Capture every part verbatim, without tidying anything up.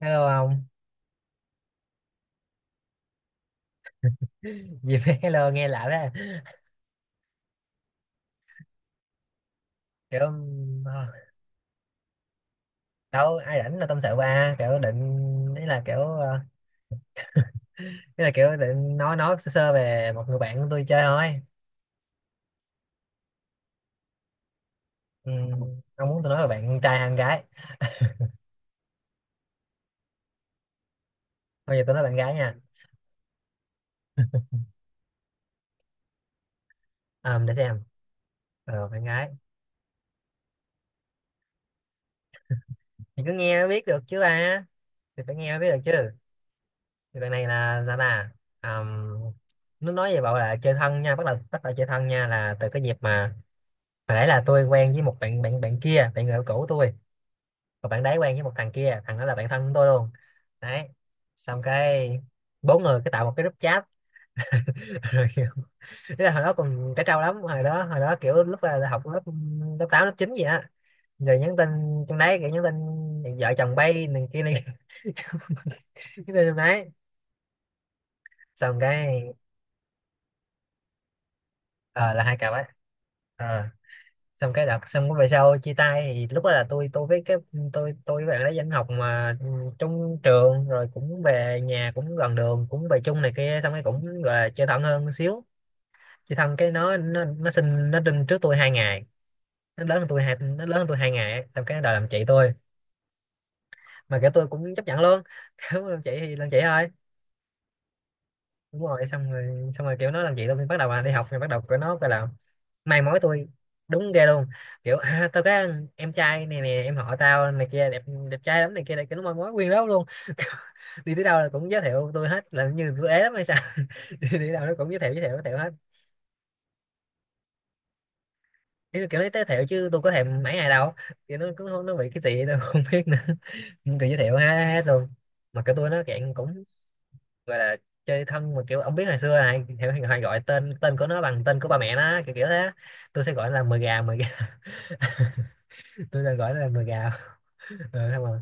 Hello ông. Gì mà hello nghe lạ thế? Kiểu um, đâu ai rảnh là tâm sự ba, kiểu định ý là kiểu ờ, ý là kiểu định nói nói sơ sơ về một người bạn của tôi chơi thôi. Ừ, ông muốn tôi nói về bạn trai hay bạn gái? Bây giờ tôi nói bạn gái nha. Ờ, để xem. Ờ, bạn gái thì cứ nghe mới biết được chứ ba. Thì phải nghe mới biết được chứ. Thì bạn này là sao ta? Ờm, nó nói về bảo là chơi thân nha, bắt đầu bắt đầu chơi thân nha là từ cái dịp mà hồi nãy là tôi quen với một bạn bạn bạn kia, bạn người yêu cũ tôi. Và bạn đấy quen với một thằng kia, thằng đó là bạn thân của tôi luôn. Đấy, xong cái bốn người cái tạo một cái group chat. Rồi kiểu thế là hồi đó còn trẻ trâu lắm, hồi đó hồi đó kiểu lúc là, là học lớp lớp tám lớp chín gì á. Rồi nhắn tin trong đấy, kiểu nhắn tin vợ chồng bay này kia này. Cái tin trong đấy, xong cái ờ, là hai cặp ấy. Ờ. Xong cái đợt, xong về sau chia tay thì lúc đó là tôi tôi với cái tôi tôi với bạn đấy vẫn học mà trong trường, rồi cũng về nhà cũng gần đường cũng về chung này kia, xong cái cũng gọi là chơi thân hơn xíu. Chơi thân cái nó nó nó sinh nó sinh trước tôi hai ngày. Nó lớn hơn tôi hai nó lớn hơn tôi hai ngày ấy. Xong cái đòi làm chị tôi, mà kiểu tôi cũng chấp nhận luôn. Kiểu làm chị thì làm chị thôi. Đúng rồi, xong rồi xong rồi kiểu nó làm chị tôi bắt đầu là đi học, rồi bắt đầu của nó gọi là mai mối tôi. Đúng ghê luôn, kiểu à, tao có em trai này nè, em họ tao này kia, đẹp đẹp trai lắm này kia này kia, nó mai mối nguyên lớp luôn. Kiểu, đi tới đâu là cũng giới thiệu tôi hết, là như tôi ế lắm hay sao. đi, đi đâu nó cũng giới thiệu giới thiệu giới thiệu hết. Ý là kiểu nó giới thiệu chứ tôi có thèm mấy ngày đâu, kiểu nó cũng không, nó bị cái gì tôi không biết nữa. Nhưng kiểu giới thiệu hết, hết luôn. Mà cái tôi nó dạng cũng gọi là chơi thân, mà kiểu ông biết hồi xưa này hay, hay, hay gọi tên tên của nó bằng tên của ba mẹ nó, kiểu kiểu thế. Tôi sẽ gọi nó là mười gà mười gà. Tôi sẽ gọi nó là mười gà. Ờ, xong rồi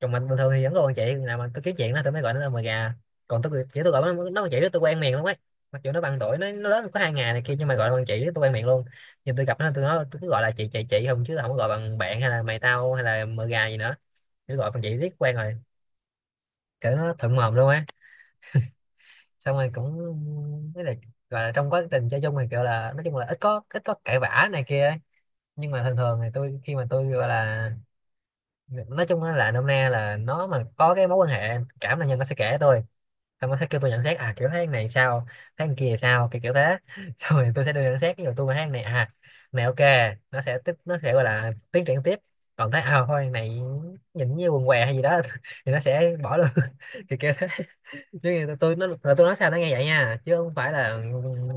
chồng mình bình thường thì vẫn còn chị nào mà tôi kiếm chuyện đó tôi mới gọi nó là mà gà. Còn tôi chỉ tôi gọi nó nó bằng chị đó, tôi quen miệng lắm ấy. Mặc dù nó bằng tuổi, nó nó lớn có hai ngày này kia, nhưng mà gọi nó bằng chị đó tôi quen miệng luôn. Nhưng tôi gặp nó tôi nói tôi cứ gọi là chị chị chị không, chứ không có gọi bằng bạn hay là mày tao hay là mờ gà gì nữa. Cứ gọi bằng chị riết quen rồi, kiểu nó thuận mồm luôn á. Xong rồi cũng với là gọi là trong quá trình chơi chung thì kiểu là nói chung là ít có ít có cãi vã này kia ấy. Nhưng mà thường thường thì tôi khi mà tôi gọi là nói chung á là nôm na là nó mà có cái mối quan hệ cảm là nhân, nó sẽ kể tôi. Xong nó sẽ kêu tôi nhận xét, à kiểu tháng này sao tháng kia sao, kiểu kiểu thế. Xong rồi tôi sẽ đưa nhận xét, ví dụ tôi mà tháng này à này ok, nó sẽ tiếp nó sẽ gọi là tiến triển tiếp. Còn thấy à thôi này, nhìn như quần què hay gì đó thì nó sẽ bỏ luôn. Kiểu kiểu thế, chứ mà tôi tôi nó là tôi nói sao nó nghe vậy nha, chứ không phải là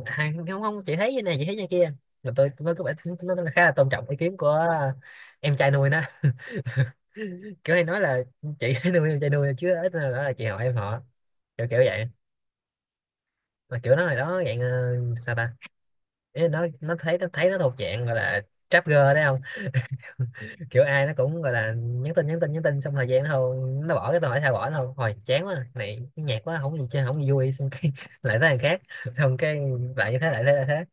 "À, không không chị thấy như này chị thấy như kia." Mà tôi nó có vẻ nó nó khá là tôn trọng ý kiến của em trai nuôi nó, kiểu hay nói là chị nuôi em trai nuôi chứ ít nữa là chị họ em họ, kiểu kiểu vậy. Mà kiểu nó hồi đó dạng ờ, sao ta. Ý là nó nó thấy nó thấy nó thuộc dạng gọi là trap girl đấy không? Kiểu ai nó cũng gọi là nhắn tin nhắn tin nhắn tin, xong thời gian nó không, nó bỏ, cái tôi hỏi sao bỏ, nó không hồi chán quá này, cái nhạc quá, không gì chơi, không gì vui, xong cái lại tới thằng khác. Xong cái lại như thế lại thế lại thế.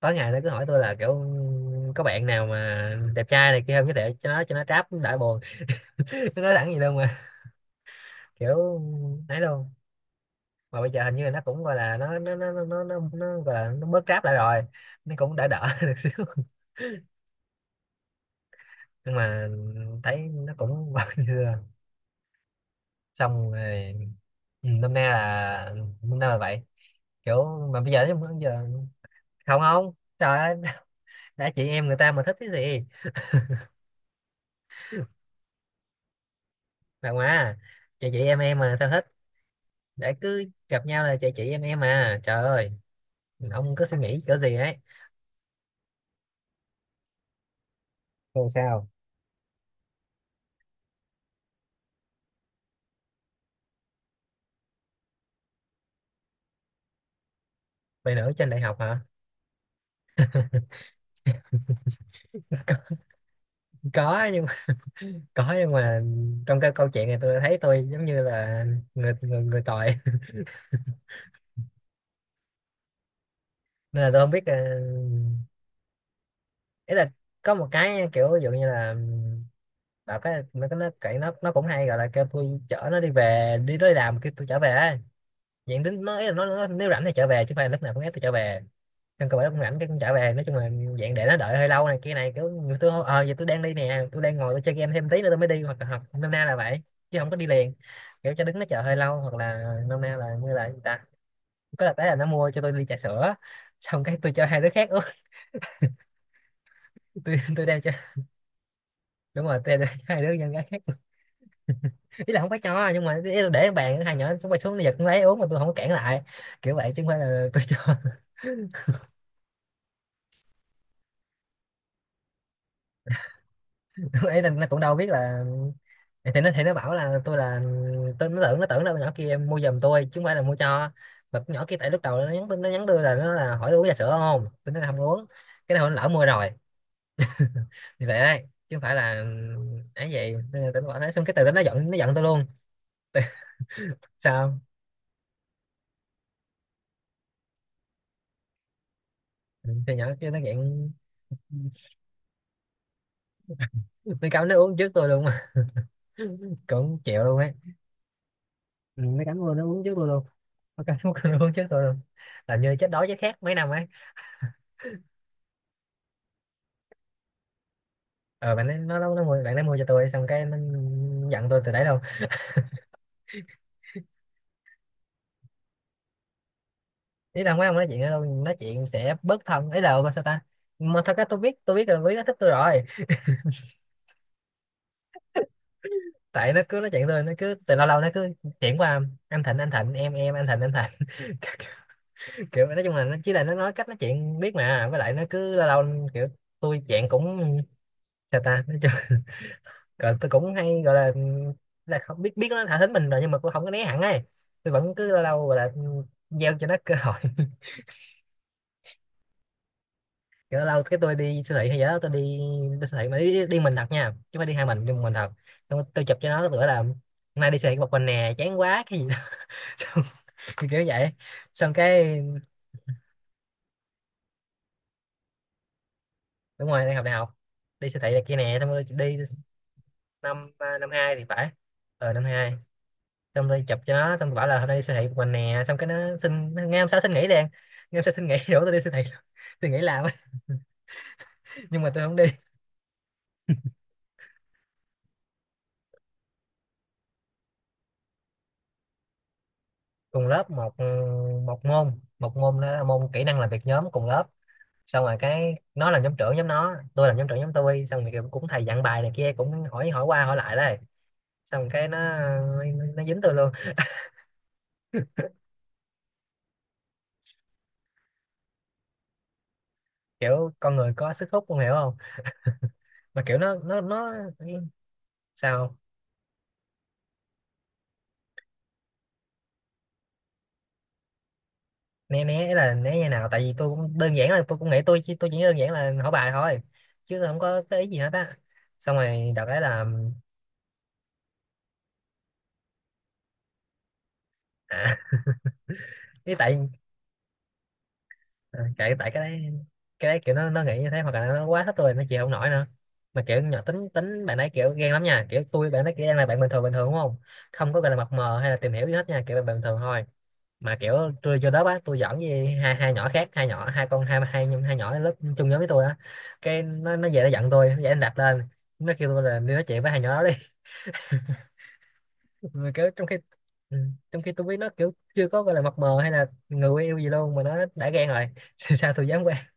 Tối ngày nó cứ hỏi tôi là kiểu có bạn nào mà đẹp trai này kia không giới thiệu cho nó, cho nó trap đã buồn. Nó nói thẳng gì luôn mà, kiểu ấy luôn. Mà bây giờ hình như là nó cũng gọi là nó nó nó nó nó, nó, nó gọi là nó bớt ráp lại rồi. Nó cũng đỡ đỡ được xíu. Nhưng mà thấy nó cũng vẫn như xưa. Xong rồi. Ừ, năm nay là năm nay là vậy, kiểu mà bây giờ thì bây giờ. Không, không, trời ơi. Đã chị em người ta mà thích cái gì, bà ngoà, chị chị em em mà sao thích? Để cứ gặp nhau là chị chị em em mà trời ơi, ông cứ suy nghĩ cỡ gì ấy? Rồi sao? Vậy nữa, trên đại học hả? Có nhưng có nhưng mà trong cái câu chuyện này tôi thấy tôi giống như là người người, người tội. Nên là tôi không biết ờ, ý là có một cái kiểu ví dụ như là đọc cái nó nó nó nó cũng hay gọi là kêu tôi chở nó đi về, đi nó đi làm kêu tôi trở về ấy. Diện tính nó, ý là nó, nó nếu rảnh thì trở về chứ không phải là lúc nào cũng ép tôi trở về. Trong cơ bản cũng rảnh cái cũng trở về, nói chung là dạng để nó đợi hơi lâu này kia này, kiểu người tôi ờ giờ tôi đang đi nè, tôi đang ngồi tôi chơi game thêm tí nữa tôi mới đi, hoặc là hoặc nôm na là vậy. Chứ không có đi liền, kiểu cho đứng nó chờ hơi lâu, hoặc là nôm na là như là người ta. Có là cái là nó mua cho tôi ly trà sữa, xong cái tôi cho hai đứa khác uống. tôi tôi đem cho, đúng rồi tôi đem cho hai đứa nhân gái khác. Ý là không phải cho, nhưng mà ý là để bàn, hai nhỏ xuống bay xuống nó giật cũng lấy uống mà tôi không có cản lại, kiểu vậy chứ không phải là tôi cho. Ấy là nó cũng đâu biết là, thì nó thì nó bảo là tôi là, tôi nó tưởng nó tưởng là con nhỏ kia mua giùm tôi chứ không phải là mua cho. Mà con nhỏ kia, tại lúc đầu nó nhắn nó nhắn tôi là nó là hỏi uống trà sữa không, tôi nói là không uống. Cái này lỡ mua rồi, thì vậy đấy chứ không phải là ấy vậy. Nên là tôi bảo thế, xong cái từ đó nó giận nó giận tôi luôn. Sao? Ừ, thì nhỏ kia nó giận, nó cắm nó uống trước tôi luôn. Cũng chịu luôn ấy. Ừ, nó cắm luôn nó uống trước tôi luôn, nó cắm, nó uống trước tôi luôn, làm như chết đói chết khát mấy năm ấy. Ờ bạn ấy, nó nó nó mua bạn nó mua cho tôi, xong cái nó giận tôi từ đấy luôn. Ý là mấy ông nói chuyện đâu, nói chuyện sẽ bớt thân ấy là ok, sao ta. Mà thật ra tôi biết tôi biết là Quý nó thích tôi rồi. Tại nó cứ nói chuyện tôi, nó cứ từ lâu lâu nó cứ chuyển qua anh Thịnh anh Thịnh em em anh Thịnh anh Thịnh. Kiểu nói chung là nó chỉ là nó nói cách nói chuyện biết mà, với lại nó cứ lâu lâu kiểu tôi dạng cũng sao ta nói chung. Còn tôi cũng hay gọi là là không biết biết nó thả thính mình rồi, nhưng mà tôi không có né hẳn ấy. Tôi vẫn cứ lâu lâu gọi là gieo cho nó cơ hội. Kiểu lâu lâu cái tôi đi siêu thị hay gì đó, tôi đi, đi Siêu thị mà đi đi mình thật nha, chứ không phải đi hai mình, đi một mình thật. Xong tôi chụp cho nó, bữa là hôm nay đi siêu thị một mình nè, chán quá cái gì đó. xong, kiểu kiểu vậy. Xong cái, đúng rồi, đang học đại học. Đi siêu thị này kia nè, xong rồi đi. Năm à, năm hai thì phải. Ờ, năm hai. Xong tôi chụp cho nó, xong tôi bảo là hôm nay đi siêu thị một mình nè, xong cái nó xin ngay hôm sau, xin nghỉ liền. Ngay hôm sau xin nghỉ đổ tôi đi siêu thị luôn. Tôi nghỉ làm á, nhưng mà tôi không đi. Cùng lớp, một, ừ, một môn, một môn đó là môn kỹ năng làm việc nhóm, cùng lớp. Xong rồi cái nó làm nhóm trưởng nhóm nó, tôi làm nhóm trưởng nhóm tôi, xong rồi kiểu cũng thầy dặn bài này kia, cũng hỏi, hỏi qua hỏi lại đây. Xong cái nó nó dính tôi luôn. Kiểu con người có sức hút, con hiểu không? Mà kiểu nó nó nó sao. Né, né là né như nào? Tại vì tôi cũng đơn giản là tôi cũng nghĩ, tôi chỉ tôi chỉ đơn giản là hỏi bài thôi, chứ tôi không có cái ý gì hết á. Xong rồi đợt đấy là à, ý tại à, tại tại cái đấy. Cái đấy kiểu nó nó nghĩ như thế, hoặc là nó quá thích tôi, nó chịu không nổi nữa. Mà kiểu nhỏ, tính tính bạn ấy kiểu ghen lắm nha, kiểu tôi bạn ấy kiểu đang là bạn bình thường, bình thường, đúng không? Không có gọi là mập mờ hay là tìm hiểu gì hết nha, kiểu bạn bình thường thôi. Mà kiểu tôi vô lớp á, tôi giỡn với hai hai nhỏ khác, hai nhỏ, hai con, hai hai hai nhỏ lớp chung nhóm với tôi á. Cái nó nó về nó giận tôi, nó dậy nó đạp lên. Nó kêu tôi là đi nói chuyện với hai nhỏ đó đi. Mà kiểu trong khi ừ, trong khi tôi biết nó kiểu chưa có gọi là mập mờ hay là người yêu gì luôn mà nó đã ghen rồi. Sao tôi dám qua.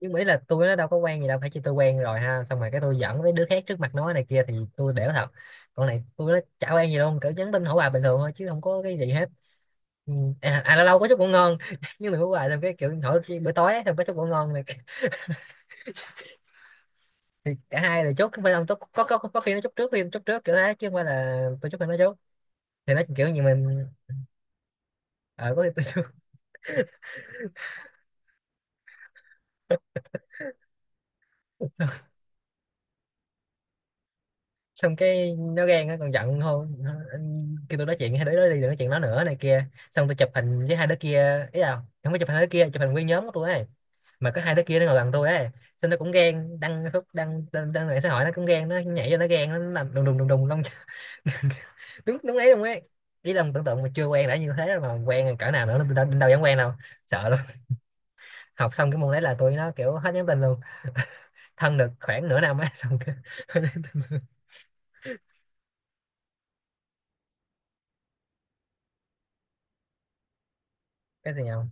Nhưng mà ý là tôi nó đâu có quen gì đâu, phải chỉ tôi quen rồi ha, xong rồi cái tôi dẫn với đứa khác trước mặt nó này kia thì tôi đểu thật. Còn này tôi nó chả quen gì đâu, cỡ nhắn tin hỏi bà bình thường thôi, chứ không có cái gì hết. Ừ. À, à lâu lâu có chút ngủ ngon. Nhưng mà hỏi bà xong cái kiểu hỏi bữa tối ấy, xong có chút ngủ ngon này. Thì cả hai đều chốt, không phải không có, có, có, có khi nó chốt trước, khi nó chốt trước kiểu thế, chứ không phải là tôi chốt hay nó chốt. Thì nó kiểu như mình. Ờ, có khi tôi chốt. Xong cái nó ghen, nó còn giận hơn, nó kêu tôi nói chuyện hai đứa đó đi, đừng nói chuyện nó nữa này kia. Xong tôi chụp hình với hai đứa kia, ý là không có chụp hình hai đứa kia, chụp hình nguyên nhóm của tôi ấy, mà có hai đứa kia nó ngồi gần tôi ấy. Xong nó cũng ghen, đăng Facebook, đăng đăng, đăng mạng xã hội nó cũng ghen, nó nhảy vô nó ghen, nó làm đùng đùng đùng đùng long. đúng đúng ấy luôn ấy. Ý là tưởng tượng mà chưa quen đã như thế rồi, mà quen cỡ nào nữa, đâu, đâu dám quen đâu, sợ luôn. Học xong cái môn đấy là tôi nó kiểu hết nhắn tin luôn. Thân được khoảng nửa năm ấy, xong cái hết nhắn tin luôn. Cái gì không?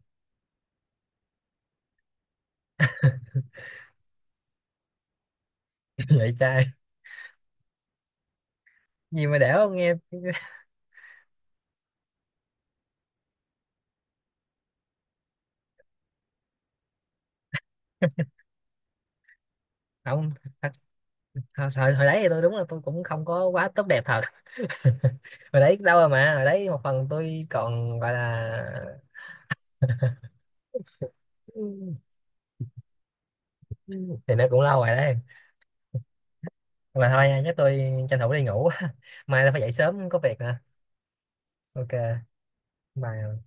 Vậy trai gì mà đẻo không nghe. Không, thật, hồi, hồi hồi đấy thì tôi đúng là tôi cũng không có quá tốt đẹp thật. Hồi đấy lâu rồi, mà hồi đấy một phần tôi còn gọi là, thì nó cũng lâu rồi đấy. Mà thôi nha, chắc tôi tranh thủ đi ngủ, mai tôi phải dậy sớm có việc nữa. OK, bye.